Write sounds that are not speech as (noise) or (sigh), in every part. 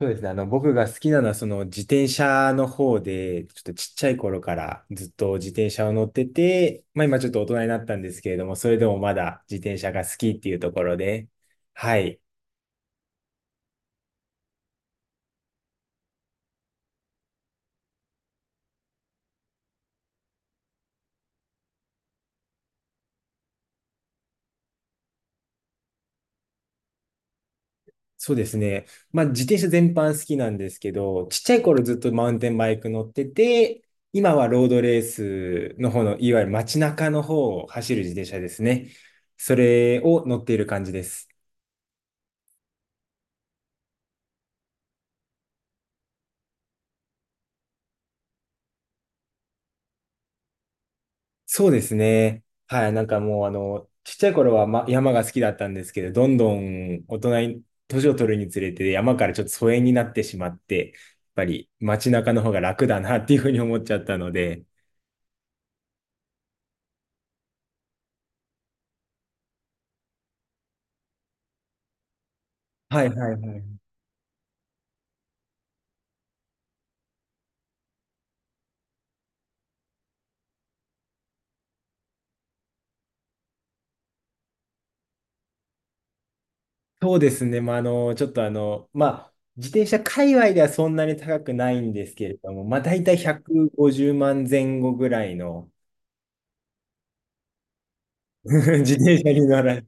そうですね。僕が好きなのは、その自転車の方で、ちょっとちっちゃい頃からずっと自転車を乗ってて、まあ今ちょっと大人になったんですけれども、それでもまだ自転車が好きっていうところで、はい。そうですね。まあ自転車全般好きなんですけど、ちっちゃい頃ずっとマウンテンバイク乗ってて、今はロードレースの方の、いわゆる街中の方を走る自転車ですね。それを乗っている感じです。そうですね。はい。なんかもう、ちっちゃい頃は、ま、山が好きだったんですけど、どんどん大人に、年を取るにつれて、山からちょっと疎遠になってしまって、やっぱり街中の方が楽だなっていうふうに思っちゃったので。はいはいはい。そうですね。まあ、あの、ちょっとあの、まあ、自転車界隈ではそんなに高くないんですけれども、まあ、大体150万前後ぐらいの (laughs) 自転車に乗ら、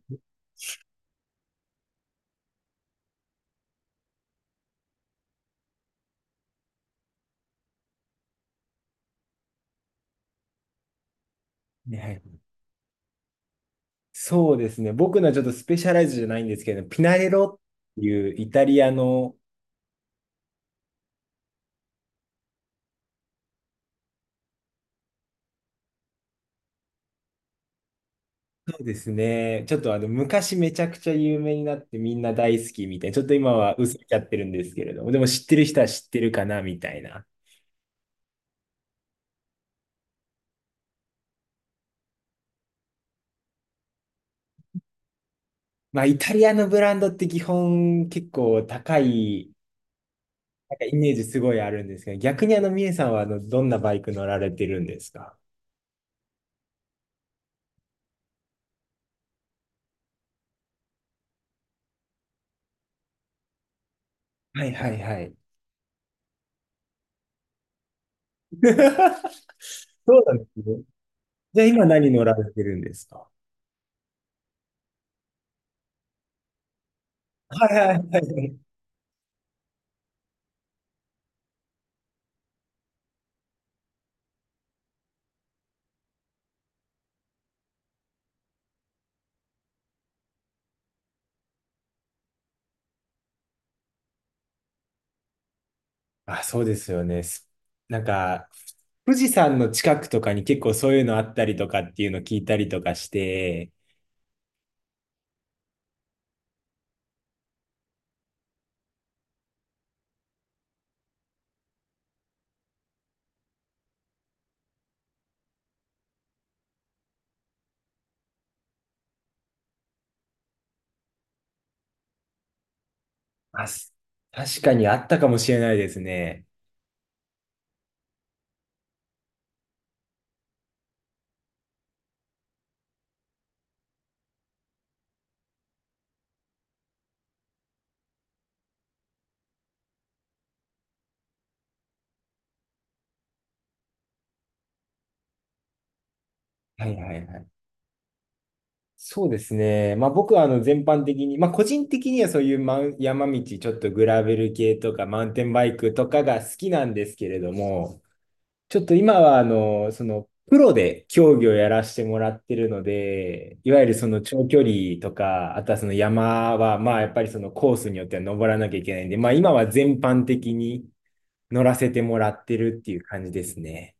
ねはいそうですね。僕のはちょっとスペシャライズじゃないんですけど、ピナレロっていうイタリアの、そうですね。ちょっとあの、昔めちゃくちゃ有名になってみんな大好きみたいな。ちょっと今は薄れちゃってるんですけれども、でも知ってる人は知ってるかなみたいな。まあ、イタリアのブランドって基本結構高い、なんかイメージすごいあるんですけど、逆にみえさんはどんなバイク乗られてるんですか？はいはいはい。(laughs) そうなんですね。じゃあ今何乗られてるんですか？はいはいはい。あ、そうですよね。なんか、富士山の近くとかに結構そういうのあったりとかっていうの聞いたりとかして、あ、す確かにあったかもしれないですね。はいはいはい。そうですね。まあ僕はあの全般的に、まあ個人的にはそういうマウン山道、ちょっとグラベル系とかマウンテンバイクとかが好きなんですけれども、ちょっと今は、プロで競技をやらせてもらってるので、いわゆるその長距離とか、あとはその山は、まあやっぱりそのコースによっては登らなきゃいけないんで、まあ今は全般的に乗らせてもらってるっていう感じですね。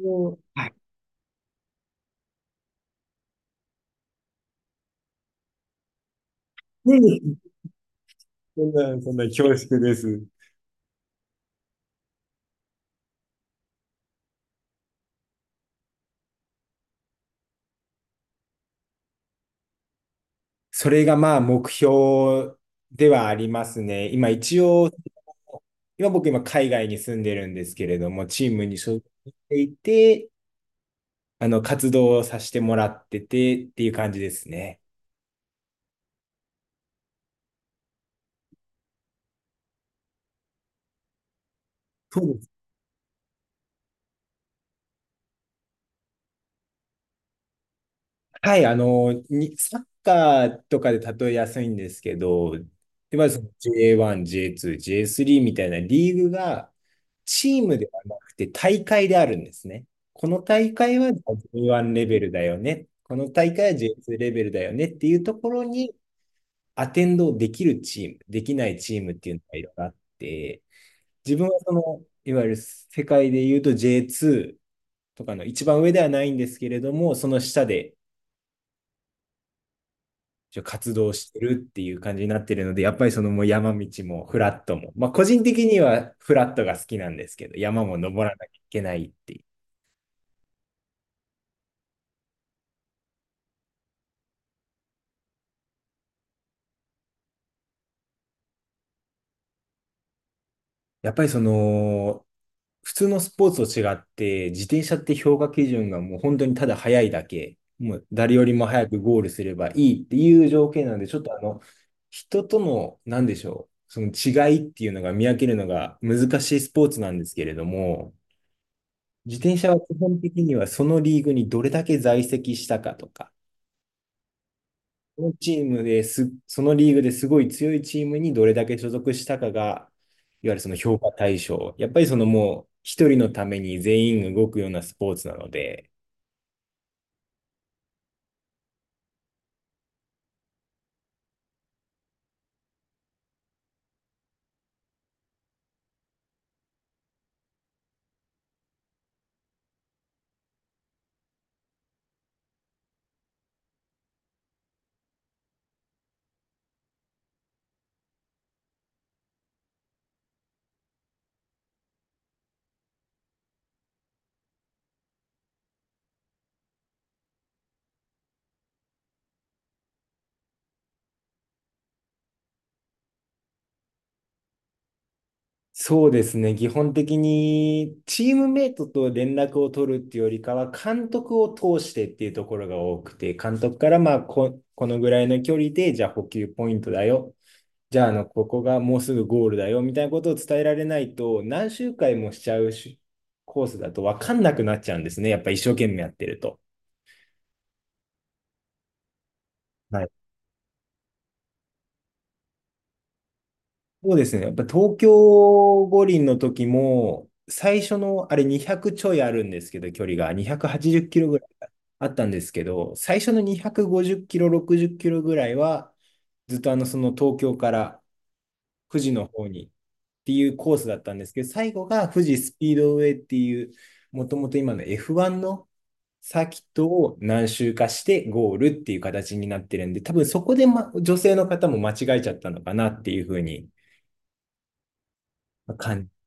もうはい。うんそんな、そんな恐縮です。それがまあ目標ではありますね。今一応、今僕海外に住んでるんですけれども、チームに所属していて、活動をさせてもらっててっていう感じですね。そうです。サッカーとかで例えやすいんですけど、で、まずその J1、J2、J3 みたいなリーグがチームではなくて大会であるんですね。この大会は J1 レベルだよね。この大会は J2 レベルだよねっていうところにアテンドできるチーム、できないチームっていうのがいろいろあって、自分はその、いわゆる世界で言うと J2 とかの一番上ではないんですけれども、その下で活動してるっていう感じになってるので、やっぱりそのもう山道もフラットも、まあ個人的にはフラットが好きなんですけど、山も登らなきゃいけないっていう。やっぱりその、普通のスポーツと違って、自転車って評価基準がもう本当にただ速いだけ、もう誰よりも早くゴールすればいいっていう条件なので、ちょっとあの、人との、なんでしょう、その違いっていうのが見分けるのが難しいスポーツなんですけれども、自転車は基本的にはそのリーグにどれだけ在籍したかとか、そのチームです、そのリーグですごい強いチームにどれだけ所属したかが、いわゆるその評価対象。やっぱりそのもう一人のために全員動くようなスポーツなので、そうですね、基本的にチームメイトと連絡を取るっていうよりかは、監督を通してっていうところが多くて、監督からまあこのぐらいの距離で、じゃあ補給ポイントだよ。じゃあ、あの、ここがもうすぐゴールだよ、みたいなことを伝えられないと、何周回もしちゃうしコースだと分かんなくなっちゃうんですね。やっぱ一生懸命やってると。はい。そうですね。やっぱ東京五輪の時も、最初のあれ200ちょいあるんですけど、距離が280キロぐらいあったんですけど、最初の250キロ、60キロぐらいは、ずっと東京から富士の方にっていうコースだったんですけど、最後が富士スピードウェイっていう、もともと今の F1 のサーキットを何周かしてゴールっていう形になってるんで、多分そこで、ま、女性の方も間違えちゃったのかなっていうふうに感じ。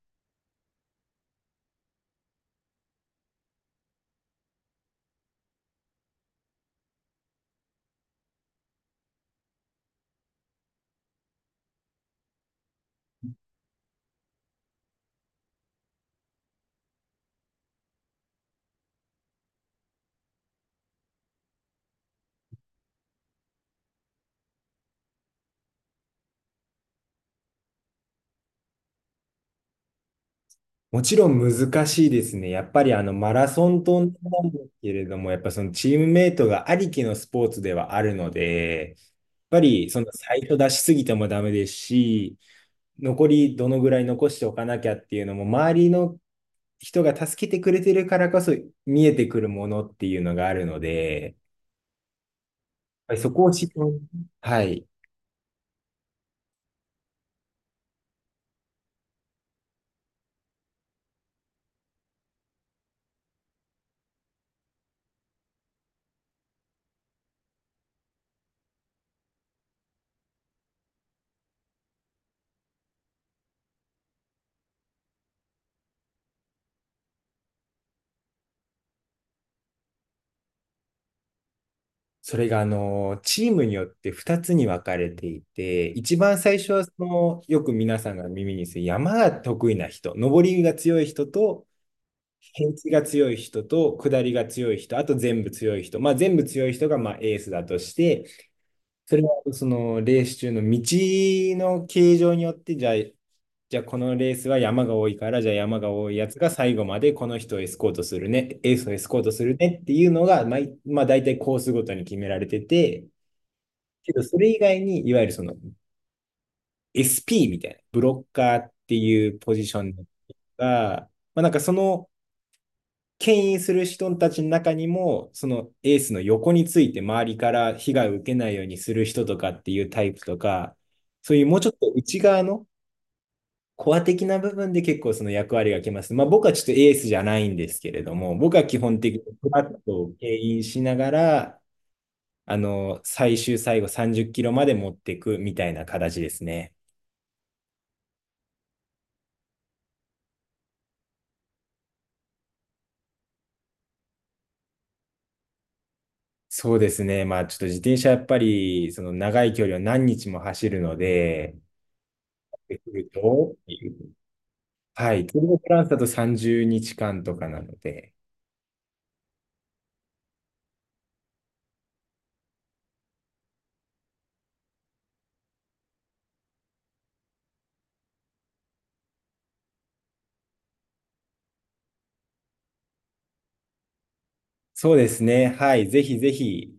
もちろん難しいですね。やっぱりあのマラソンとなんですけれども、やっぱそのチームメイトがありきのスポーツではあるので、やっぱりその最初出しすぎてもダメですし、残りどのぐらい残しておかなきゃっていうのも、周りの人が助けてくれてるからこそ見えてくるものっていうのがあるので、そこを知ってはい。それが、あの、チームによって2つに分かれていて、一番最初はその、よく皆さんが耳にする山が得意な人、登りが強い人と、平地が強い人と、下りが強い人、あと全部強い人、まあ、全部強い人がまあエースだとして、それはそのレース中の道の形状によってじゃあこのレースは山が多いからじゃあ山が多いやつが最後までこの人をエスコートするねエースをエスコートするねっていうのがまあ、大体コースごとに決められててけどそれ以外にいわゆるその SP みたいなブロッカーっていうポジションが、まあ、なんかその牽引する人たちの中にも、そのエースの横について周りから被害を受けないようにする人とかっていうタイプとか、そういうもうちょっと内側のコア的な部分で結構その役割がきます。まあ僕はちょっとエースじゃないんですけれども、僕は基本的にフラットを牽引しながら、あの、最後30キロまで持っていくみたいな形ですね。そうですね。まあちょっと自転車やっぱりその長い距離を何日も走るので、ってくるとっていうはい。ツール・ド・フランスだと30日間とかなので、そうですね。はい。ぜひぜひ、